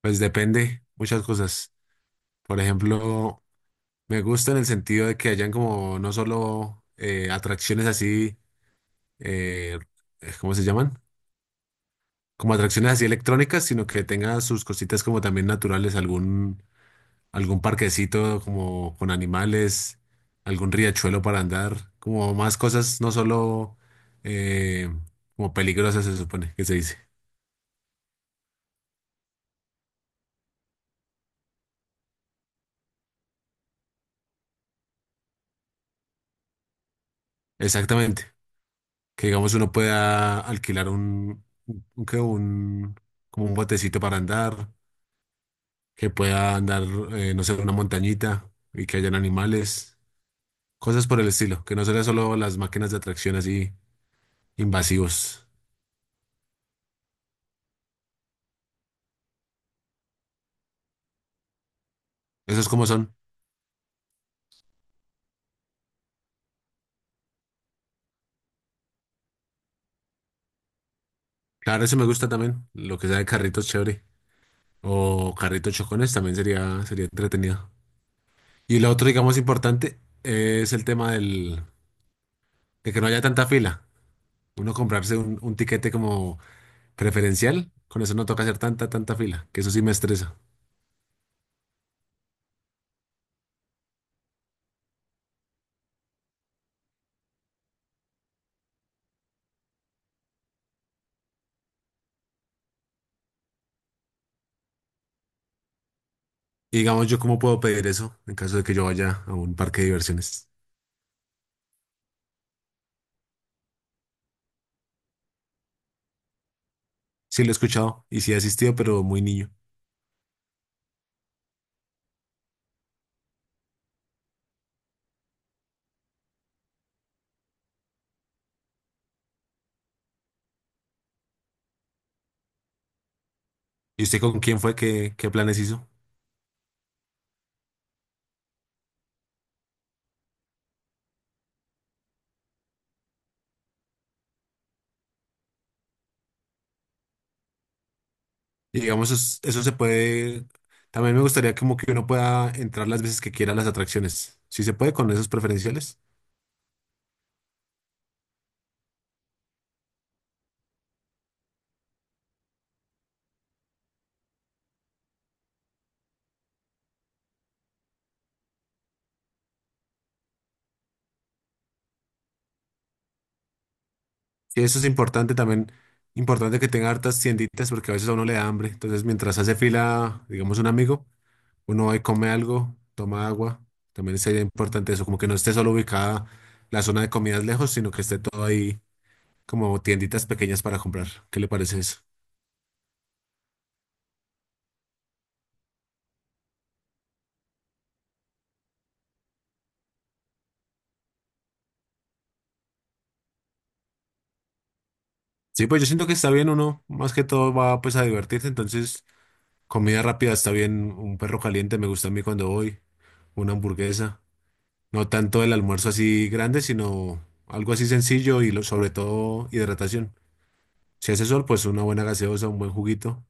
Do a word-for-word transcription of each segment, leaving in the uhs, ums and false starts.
Pues depende muchas cosas. Por ejemplo, me gusta en el sentido de que hayan como no solo eh, atracciones así, eh, eh, ¿cómo se llaman? Como atracciones así electrónicas, sino que tenga sus cositas como también naturales, algún, algún parquecito como con animales, algún riachuelo para andar, como más cosas, no solo eh, como peligrosas se supone que se dice. Exactamente. Que digamos uno pueda alquilar un, un, que un- como un botecito para andar, que pueda andar, eh, no sé, una montañita y que hayan animales, cosas por el estilo, que no sean solo las máquinas de atracción así invasivos. ¿Esos como son? Claro, eso me gusta también, lo que sea de carritos chévere o carritos chocones también sería, sería entretenido. Y lo otro, digamos, importante es el tema del, de que no haya tanta fila. Uno comprarse un, un tiquete como preferencial, con eso no toca hacer tanta, tanta fila, que eso sí me estresa. Y digamos, ¿yo cómo puedo pedir eso en caso de que yo vaya a un parque de diversiones? Sí lo he escuchado y sí he asistido, pero muy niño. ¿Y usted con quién fue? ¿Qué, ¿qué planes hizo? Y digamos, eso, eso se puede... También me gustaría como que uno pueda entrar las veces que quiera a las atracciones. Si se puede con esos preferenciales. Y eso es importante también. Importante que tenga hartas tienditas porque a veces a uno le da hambre. Entonces, mientras hace fila, digamos, un amigo. Uno va y come algo, toma agua. También sería importante eso, como que no esté solo ubicada la zona de comidas lejos, sino que esté todo ahí como tienditas pequeñas para comprar. ¿Qué le parece eso? Sí, pues yo siento que está bien uno, más que todo va pues a divertirse, entonces comida rápida está bien, un perro caliente me gusta a mí cuando voy, una hamburguesa, no tanto el almuerzo así grande, sino algo así sencillo y lo- sobre todo hidratación. Si hace sol, pues una buena gaseosa, un buen juguito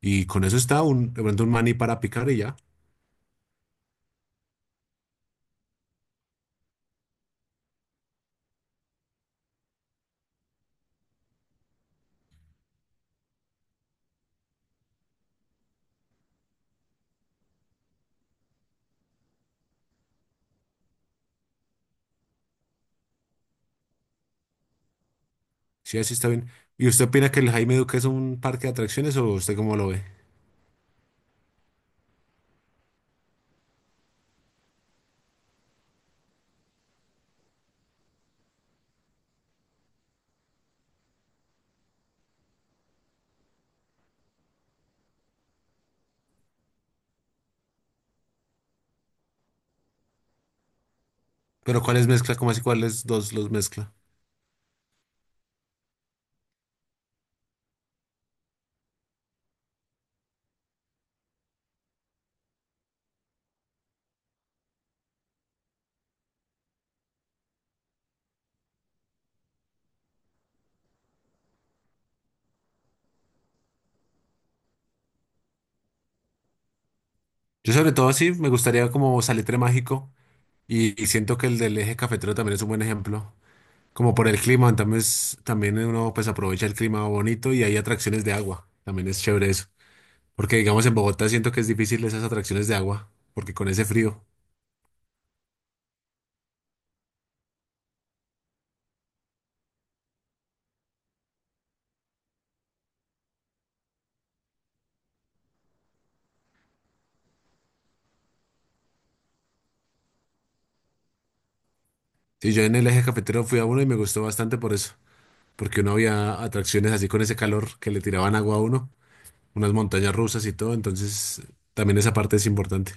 y con eso está un, de pronto un maní para picar y ya. Sí, así está bien. ¿Y usted opina que el Jaime Duque es un parque de atracciones o usted cómo lo ve? Pero ¿cuáles mezcla? ¿Cómo así cuáles dos los mezcla? Yo sobre todo sí me gustaría como Salitre Mágico y, y siento que el del Eje Cafetero también es un buen ejemplo. Como por el clima, también, es- también uno pues aprovecha el clima bonito y hay atracciones de agua. También es chévere eso. Porque digamos en Bogotá siento que es difícil esas atracciones de agua, porque con ese frío. Sí, yo en el Eje Cafetero fui a uno y me gustó bastante por eso. Porque uno había atracciones así con ese calor que le tiraban agua a uno. Unas montañas rusas y todo, entonces también esa parte es importante.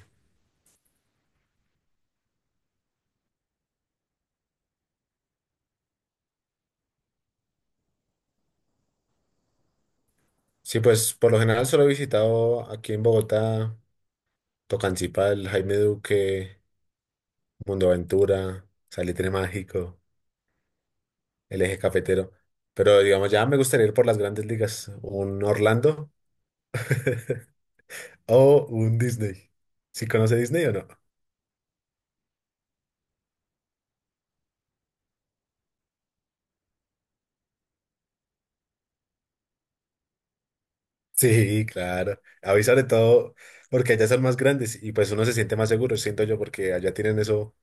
Sí, pues por lo general solo he visitado aquí en Bogotá, Tocancipá, el Jaime Duque, Mundoaventura, Salitre Mágico, el Eje Cafetero. Pero digamos, ya me gustaría ir por las grandes ligas, un Orlando o un Disney. ¿Sí conoce Disney o no? Sí, claro. A mí sobre todo porque allá son más grandes y pues uno se siente más seguro, siento yo, porque allá tienen eso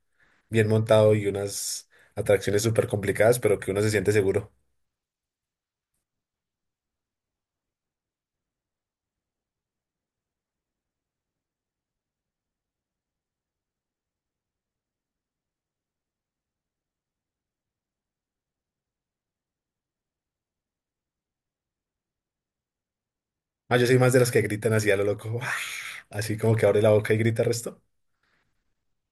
bien montado y unas atracciones súper complicadas, pero que uno se siente seguro. Ah, yo soy más de los que gritan así a lo loco, ¡guau! Así como que abre la boca y grita el resto.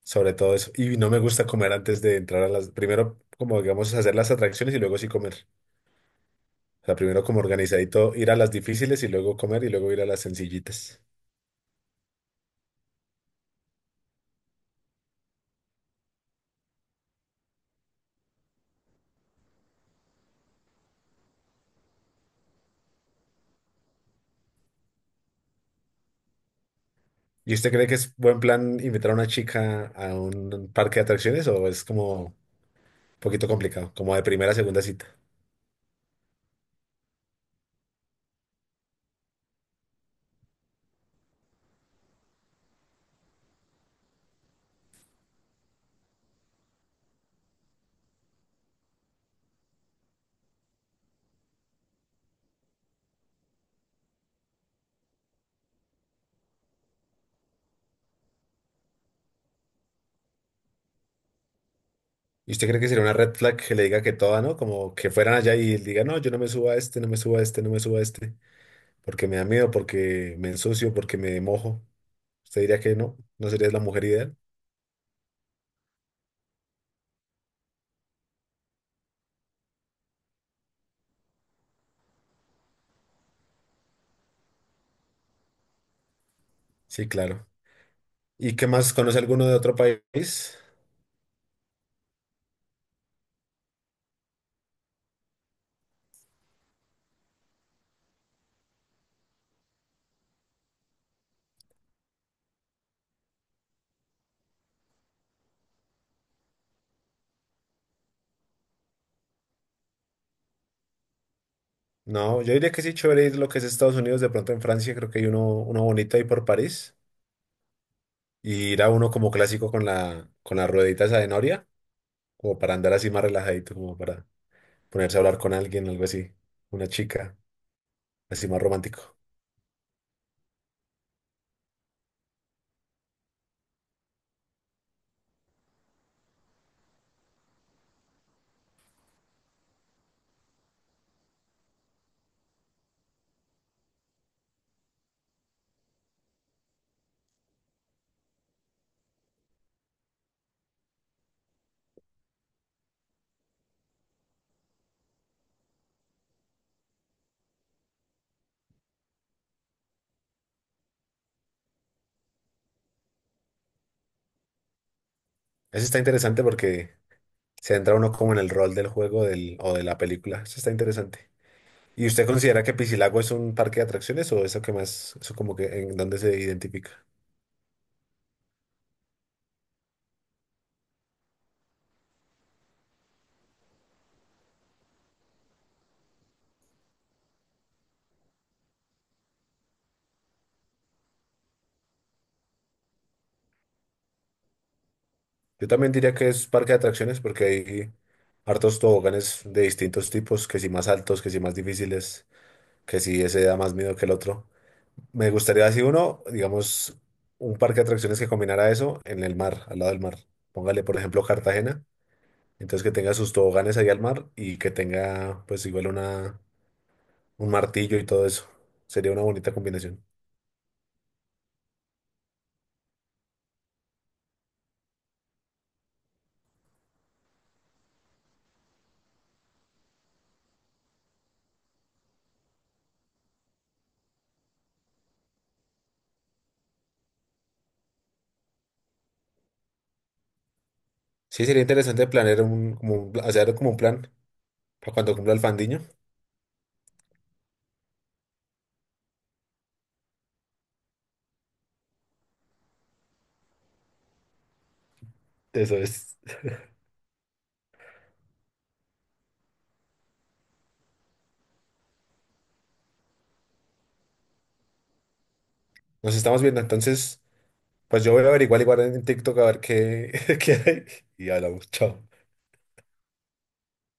Sobre todo eso. Y no me gusta comer antes de entrar a las... Primero, como digamos, hacer las atracciones y luego sí comer. O sea, primero como organizadito, ir a las difíciles y luego comer y luego ir a las sencillitas. ¿Y usted cree que es buen plan invitar a una chica a un parque de atracciones o es como un poquito complicado, como de primera a segunda cita? ¿Y usted cree que sería una red flag que le diga que toda, ¿no? Como que fueran allá y él diga, no, yo no me subo a este, no me subo a este, no me subo a este, porque me da miedo, porque me ensucio, porque me mojo. ¿Usted diría que no? ¿No sería la mujer ideal? Sí, claro. ¿Y qué más? ¿Conoce alguno de otro país? No, yo diría que sí, chévere ir lo que es Estados Unidos, de pronto en Francia, creo que hay uno, uno bonito ahí por París. Y ir a uno como clásico con la, con la ruedita esa de noria, como para andar así más relajadito, como para ponerse a hablar con alguien, algo así. Una chica, así más romántico. Eso está interesante porque se entra uno como en el rol del juego del, o de la película. Eso está interesante. ¿Y usted considera que Piscilago es un parque de atracciones o eso que más, eso como que en dónde se identifica? Yo también diría que es parque de atracciones porque hay hartos toboganes de distintos tipos, que si más altos, que si más difíciles, que si ese da más miedo que el otro. Me gustaría así uno, digamos, un parque de atracciones que combinara eso en el mar, al lado del mar. Póngale, por ejemplo, Cartagena. Entonces que tenga sus toboganes ahí al mar y que tenga pues igual una, un martillo y todo eso. Sería una bonita combinación. Sí, sería interesante planear un, como un, pla- hacer como un plan para cuando cumpla el fandiño. Eso es. Nos estamos viendo. Entonces, pues yo voy a averiguar igual en TikTok a ver qué, qué hay. Y hablamos. Chao.